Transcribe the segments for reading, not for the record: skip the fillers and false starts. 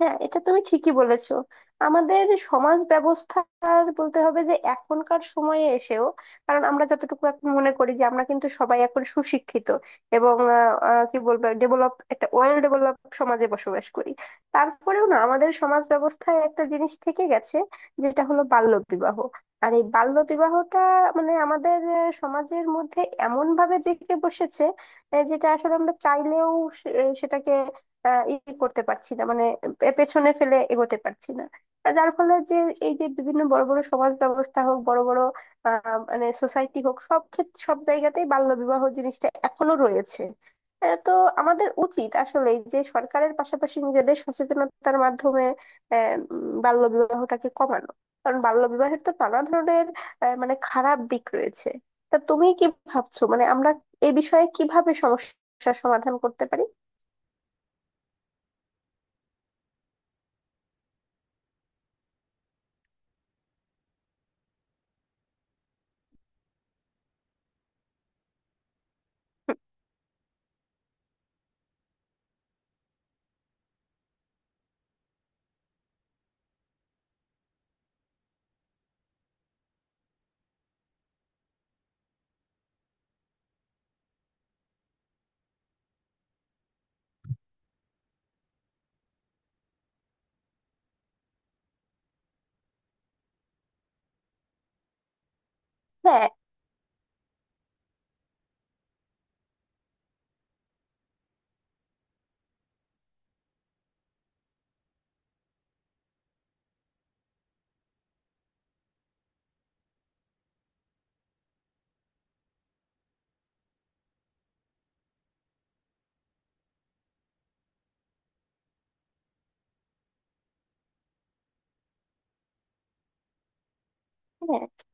হ্যাঁ, এটা তুমি ঠিকই বলেছো। আমাদের সমাজ ব্যবস্থার বলতে হবে যে এখনকার সময়ে এসেও, কারণ আমরা যতটুকু এখন মনে করি যে আমরা কিন্তু সবাই এখন সুশিক্ষিত এবং আহ, আহ, কি বলবো, একটা ওয়েল ডেভেলপ সমাজে বসবাস করি। তারপরেও না আমাদের সমাজ ব্যবস্থায় একটা জিনিস থেকে গেছে, যেটা হলো বাল্য বিবাহ। আর এই বাল্য বিবাহটা মানে আমাদের সমাজের মধ্যে এমন ভাবে জেঁকে বসেছে, যেটা আসলে আমরা চাইলেও সেটাকে আহ ই করতে পারছি না, মানে পেছনে ফেলে এগোতে পারছি না। আর যার ফলে যে এই যে বিভিন্ন বড় বড় সমাজ ব্যবস্থা হোক, বড় বড় মানে সোসাইটি হোক, সব ক্ষেত্রে সব জায়গাতেই বাল্য বিবাহ জিনিসটা এখনো রয়েছে। তো আমাদের উচিত আসলে যে, সরকারের পাশাপাশি নিজেদের সচেতনতার মাধ্যমে বাল্য বিবাহটাকে কমানো। কারণ বাল্য বিবাহের তো নানা ধরনের মানে খারাপ দিক রয়েছে। তা তুমি কি ভাবছো, মানে আমরা এ বিষয়ে কিভাবে সমস্যার সমাধান করতে পারি? হ্যাঁ,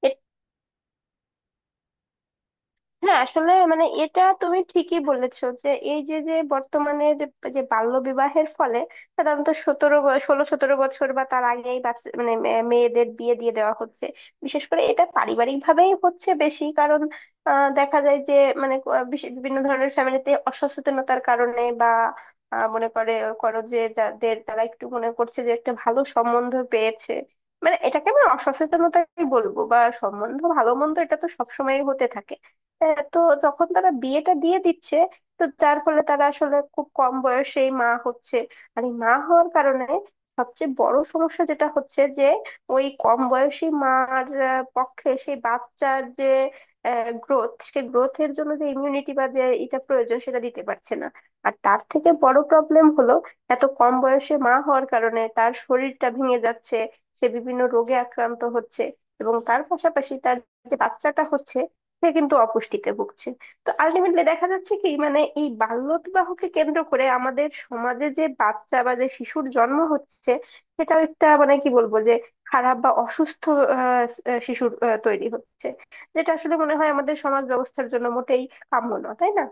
হ্যাঁ, হ্যাঁ, আসলে মানে এটা তুমি ঠিকই বলেছো যে এই যে যে বর্তমানে যে যে বাল্য বিবাহের ফলে সাধারণত 16-17 বছর বা তার আগেই বাচ্চা মানে মেয়েদের বিয়ে দিয়ে দেওয়া হচ্ছে। বিশেষ করে এটা পারিবারিক ভাবেই হচ্ছে বেশি, কারণ দেখা যায় যে, মানে বিভিন্ন ধরনের ফ্যামিলিতে অসচেতনতার কারণে, বা মনে করে, করো যে, যাদের তারা একটু মনে করছে যে একটা ভালো সম্বন্ধ পেয়েছে, মানে এটাকে আমি অসচেতনতাই বলবো, বা সম্বন্ধ ভালো মন্দ এটা তো সবসময় হতে থাকে। তো যখন তারা বিয়েটা দিয়ে দিচ্ছে, তো যার ফলে তারা আসলে খুব কম বয়সেই মা হচ্ছে। আর এই মা হওয়ার কারণে সবচেয়ে বড় সমস্যা যেটা হচ্ছে যে, ওই কম বয়সী মার পক্ষে সেই বাচ্চার যে গ্রোথ, সে গ্রোথের জন্য যে ইমিউনিটি বা যে এটা প্রয়োজন সেটা দিতে পারছে না। আর তার থেকে বড় প্রবলেম হলো এত কম বয়সে মা হওয়ার কারণে তার শরীরটা ভেঙে যাচ্ছে, সে বিভিন্ন রোগে আক্রান্ত হচ্ছে। এবং তার পাশাপাশি তার যে বাচ্চাটা হচ্ছে, সে কিন্তু অপুষ্টিতে ভুগছে। তো আলটিমেটলি দেখা যাচ্ছে কি, মানে এই বাল্যবিবাহকে কেন্দ্র করে আমাদের সমাজে যে বাচ্চা বা যে শিশুর জন্ম হচ্ছে, সেটাও একটা, মানে কি বলবো, যে খারাপ বা অসুস্থ আহ, আহ, শিশুর তৈরি হচ্ছে, যেটা আসলে মনে হয় আমাদের সমাজ ব্যবস্থার জন্য মোটেই কাম্য না, তাই না?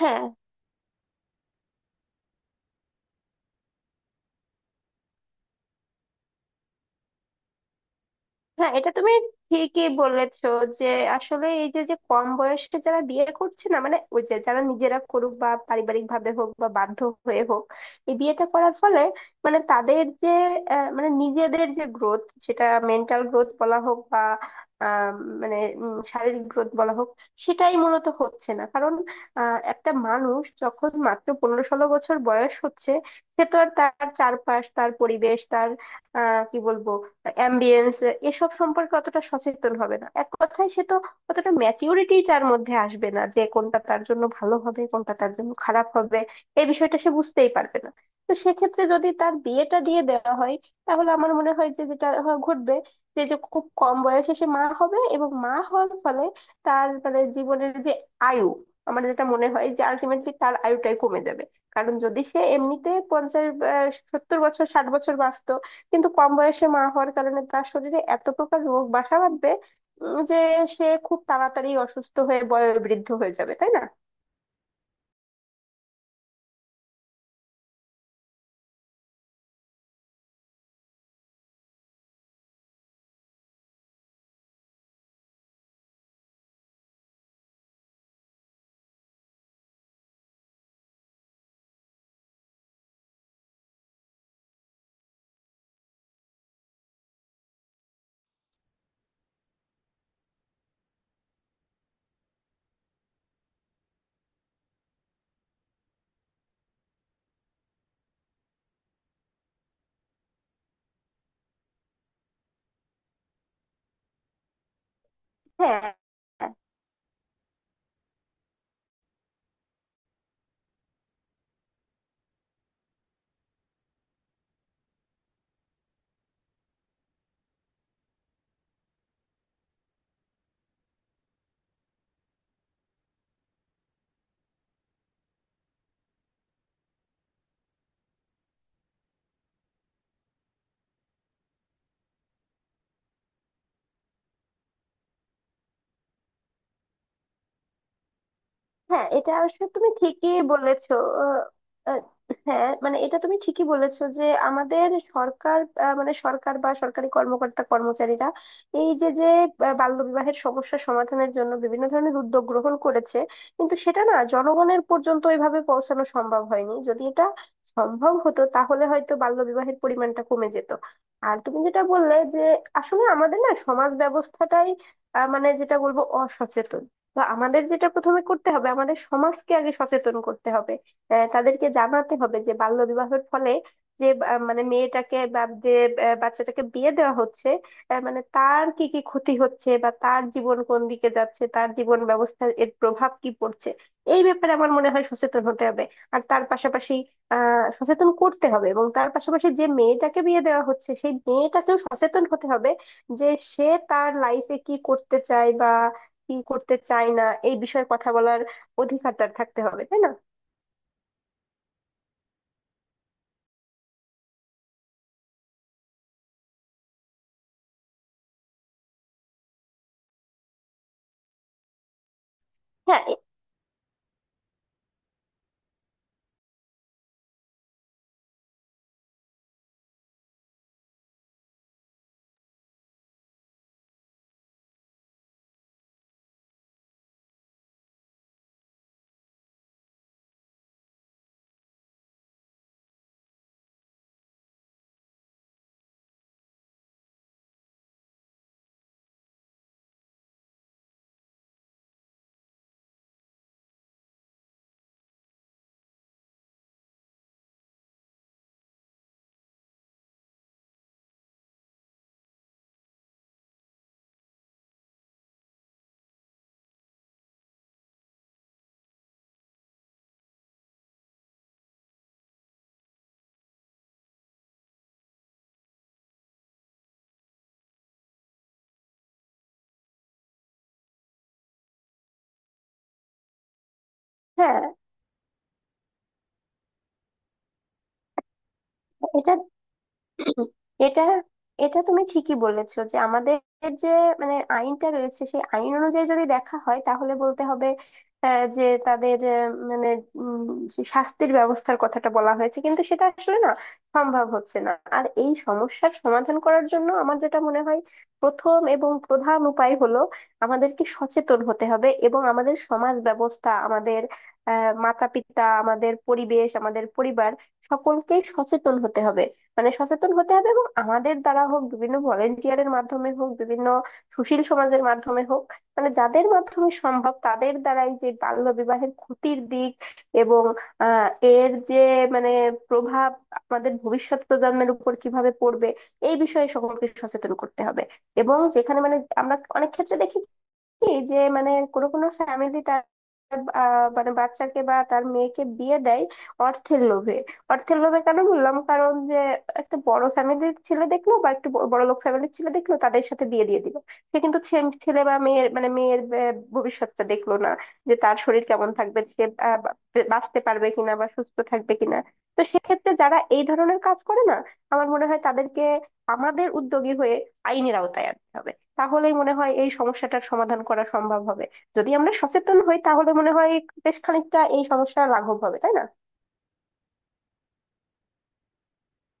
হ্যাঁ, হ্যাঁ, এটা তুমি ঠিকই বলেছো যে আসলে এই যে যে কম বয়সে যারা বিয়ে করছে না, মানে ওই যে যারা নিজেরা করুক বা পারিবারিক ভাবে হোক বা বাধ্য হয়ে হোক, এই বিয়েটা করার ফলে মানে তাদের যে মানে নিজেদের যে গ্রোথ, সেটা মেন্টাল গ্রোথ বলা হোক বা আহ, মানে শারীরিক গ্রোথ বলা হোক, সেটাই মূলত হচ্ছে না। কারণ একটা মানুষ যখন মাত্র 15-16 বছর বয়স হচ্ছে, সে তো আর তার চারপাশ, তার পরিবেশ, তার কি বলবো, অ্যাম্বিয়েন্স এসব সম্পর্কে অতটা সচেতন হবে না। এক কথায় সে তো অতটা ম্যাচিউরিটি তার মধ্যে আসবে না যে কোনটা তার জন্য ভালো হবে কোনটা তার জন্য খারাপ হবে, এই বিষয়টা সে বুঝতেই পারবে না। তো সেক্ষেত্রে যদি তার বিয়েটা দিয়ে দেওয়া হয়, তাহলে আমার মনে হয় যে যেটা ঘটবে, যে যে খুব কম বয়সে সে মা হবে এবং মা হওয়ার ফলে তার মানে জীবনের যে আয়ু, আমার যেটা মনে হয় যে আলটিমেটলি তার আয়ুটাই কমে যাবে। কারণ যদি সে এমনিতে 50, 70 বছর, 60 বছর বাঁচতো, কিন্তু কম বয়সে মা হওয়ার কারণে তার শরীরে এত প্রকার রোগ বাসা বাঁধবে, যে সে খুব তাড়াতাড়ি অসুস্থ হয়ে বয়োবৃদ্ধ হয়ে যাবে, তাই না? হ্যাঁ, হ্যাঁ, এটা আসলে তুমি ঠিকই বলেছো। আহ, আহ, হ্যাঁ, মানে এটা তুমি ঠিকই বলেছো যে আমাদের সরকার, মানে সরকার বা সরকারি কর্মকর্তা কর্মচারীরা এই যে যে বাল্যবিবাহের সমস্যা সমাধানের জন্য বিভিন্ন ধরনের উদ্যোগ গ্রহণ করেছে, কিন্তু সেটা না জনগণের পর্যন্ত ওইভাবে পৌঁছানো সম্ভব হয়নি। যদি এটা সম্ভব হতো তাহলে হয়তো বাল্যবিবাহের পরিমাণটা কমে যেত। আর তুমি যেটা বললে যে আসলে আমাদের না সমাজ ব্যবস্থাটাই মানে যেটা বলবো, অসচেতন। বা আমাদের যেটা প্রথমে করতে হবে, আমাদের সমাজকে আগে সচেতন করতে হবে। তাদেরকে জানাতে হবে যে বাল্য বিবাহের ফলে যে মানে মেয়েটাকে বা যে বাচ্চাটাকে বিয়ে দেওয়া হচ্ছে, মানে তার কি কি ক্ষতি হচ্ছে, বা তার জীবন কোন দিকে যাচ্ছে, তার জীবন ব্যবস্থার এর প্রভাব কি পড়ছে, এই ব্যাপারে আমার মনে হয় সচেতন হতে হবে। আর তার পাশাপাশি সচেতন করতে হবে, এবং তার পাশাপাশি যে মেয়েটাকে বিয়ে দেওয়া হচ্ছে সেই মেয়েটাকেও সচেতন হতে হবে যে সে তার লাইফে কি করতে চায় বা কি করতে চায় না, এই বিষয়ে কথা বলার অধিকার তার থাকতে হবে, তাই না? হ্যাঁ, হ্যাঁ, এটা এটা এটা তুমি ঠিকই বলেছো যে আমাদের যে মানে আইনটা রয়েছে, সেই আইন অনুযায়ী যদি দেখা হয় তাহলে বলতে হবে যে তাদের মানে উম, যে শাস্তির ব্যবস্থার কথাটা বলা হয়েছে, কিন্তু সেটা আসলে না সম্ভব হচ্ছে না। আর এই সমস্যার সমাধান করার জন্য আমার যেটা মনে হয় প্রথম এবং প্রধান উপায় হলো, আমাদেরকে সচেতন হতে হবে, এবং আমাদের সমাজ ব্যবস্থা, আমাদের মাতা পিতা, আমাদের পরিবেশ, আমাদের পরিবার সকলকেই সচেতন হতে হবে। মানে সচেতন হতে হবে এবং আমাদের দ্বারা হোক, বিভিন্ন ভলেন্টিয়ারের মাধ্যমে হোক, বিভিন্ন সুশীল সমাজের মাধ্যমে হোক, মানে যাদের মাধ্যমে সম্ভব তাদের দ্বারাই যে বাল্য বিবাহের ক্ষতির দিক এবং আহ এর যে মানে প্রভাব আমাদের ভবিষ্যৎ প্রজন্মের উপর কিভাবে পড়বে, এই বিষয়ে সকলকে সচেতন করতে হবে। এবং যেখানে মানে আমরা অনেক ক্ষেত্রে দেখি কি, যে মানে কোনো কোনো ফ্যামিলি তার মানে বাচ্চাকে বা তার মেয়েকে বিয়ে দেয় অর্থের লোভে। অর্থের লোভে কেন বললাম, কারণ যে একটা বড় ফ্যামিলির ছেলে দেখলো বা একটু বড় লোক ফ্যামিলির ছেলে দেখলো, তাদের সাথে বিয়ে দিয়ে দিল, সে কিন্তু ছেলে বা মেয়ের মানে মেয়ের ভবিষ্যৎটা দেখলো না, যে তার শরীর কেমন থাকবে, সে বাঁচতে পারবে কিনা বা সুস্থ থাকবে কিনা। তো সেক্ষেত্রে যারা এই ধরনের কাজ করে না, আমার মনে হয় তাদেরকে আমাদের উদ্যোগী হয়ে আইনের আওতায় আনতে হবে, তাহলেই মনে হয় এই সমস্যাটার সমাধান করা সম্ভব হবে। যদি আমরা সচেতন হই তাহলে মনে হয় বেশ খানিকটা এই সমস্যা লাঘব হবে, তাই না?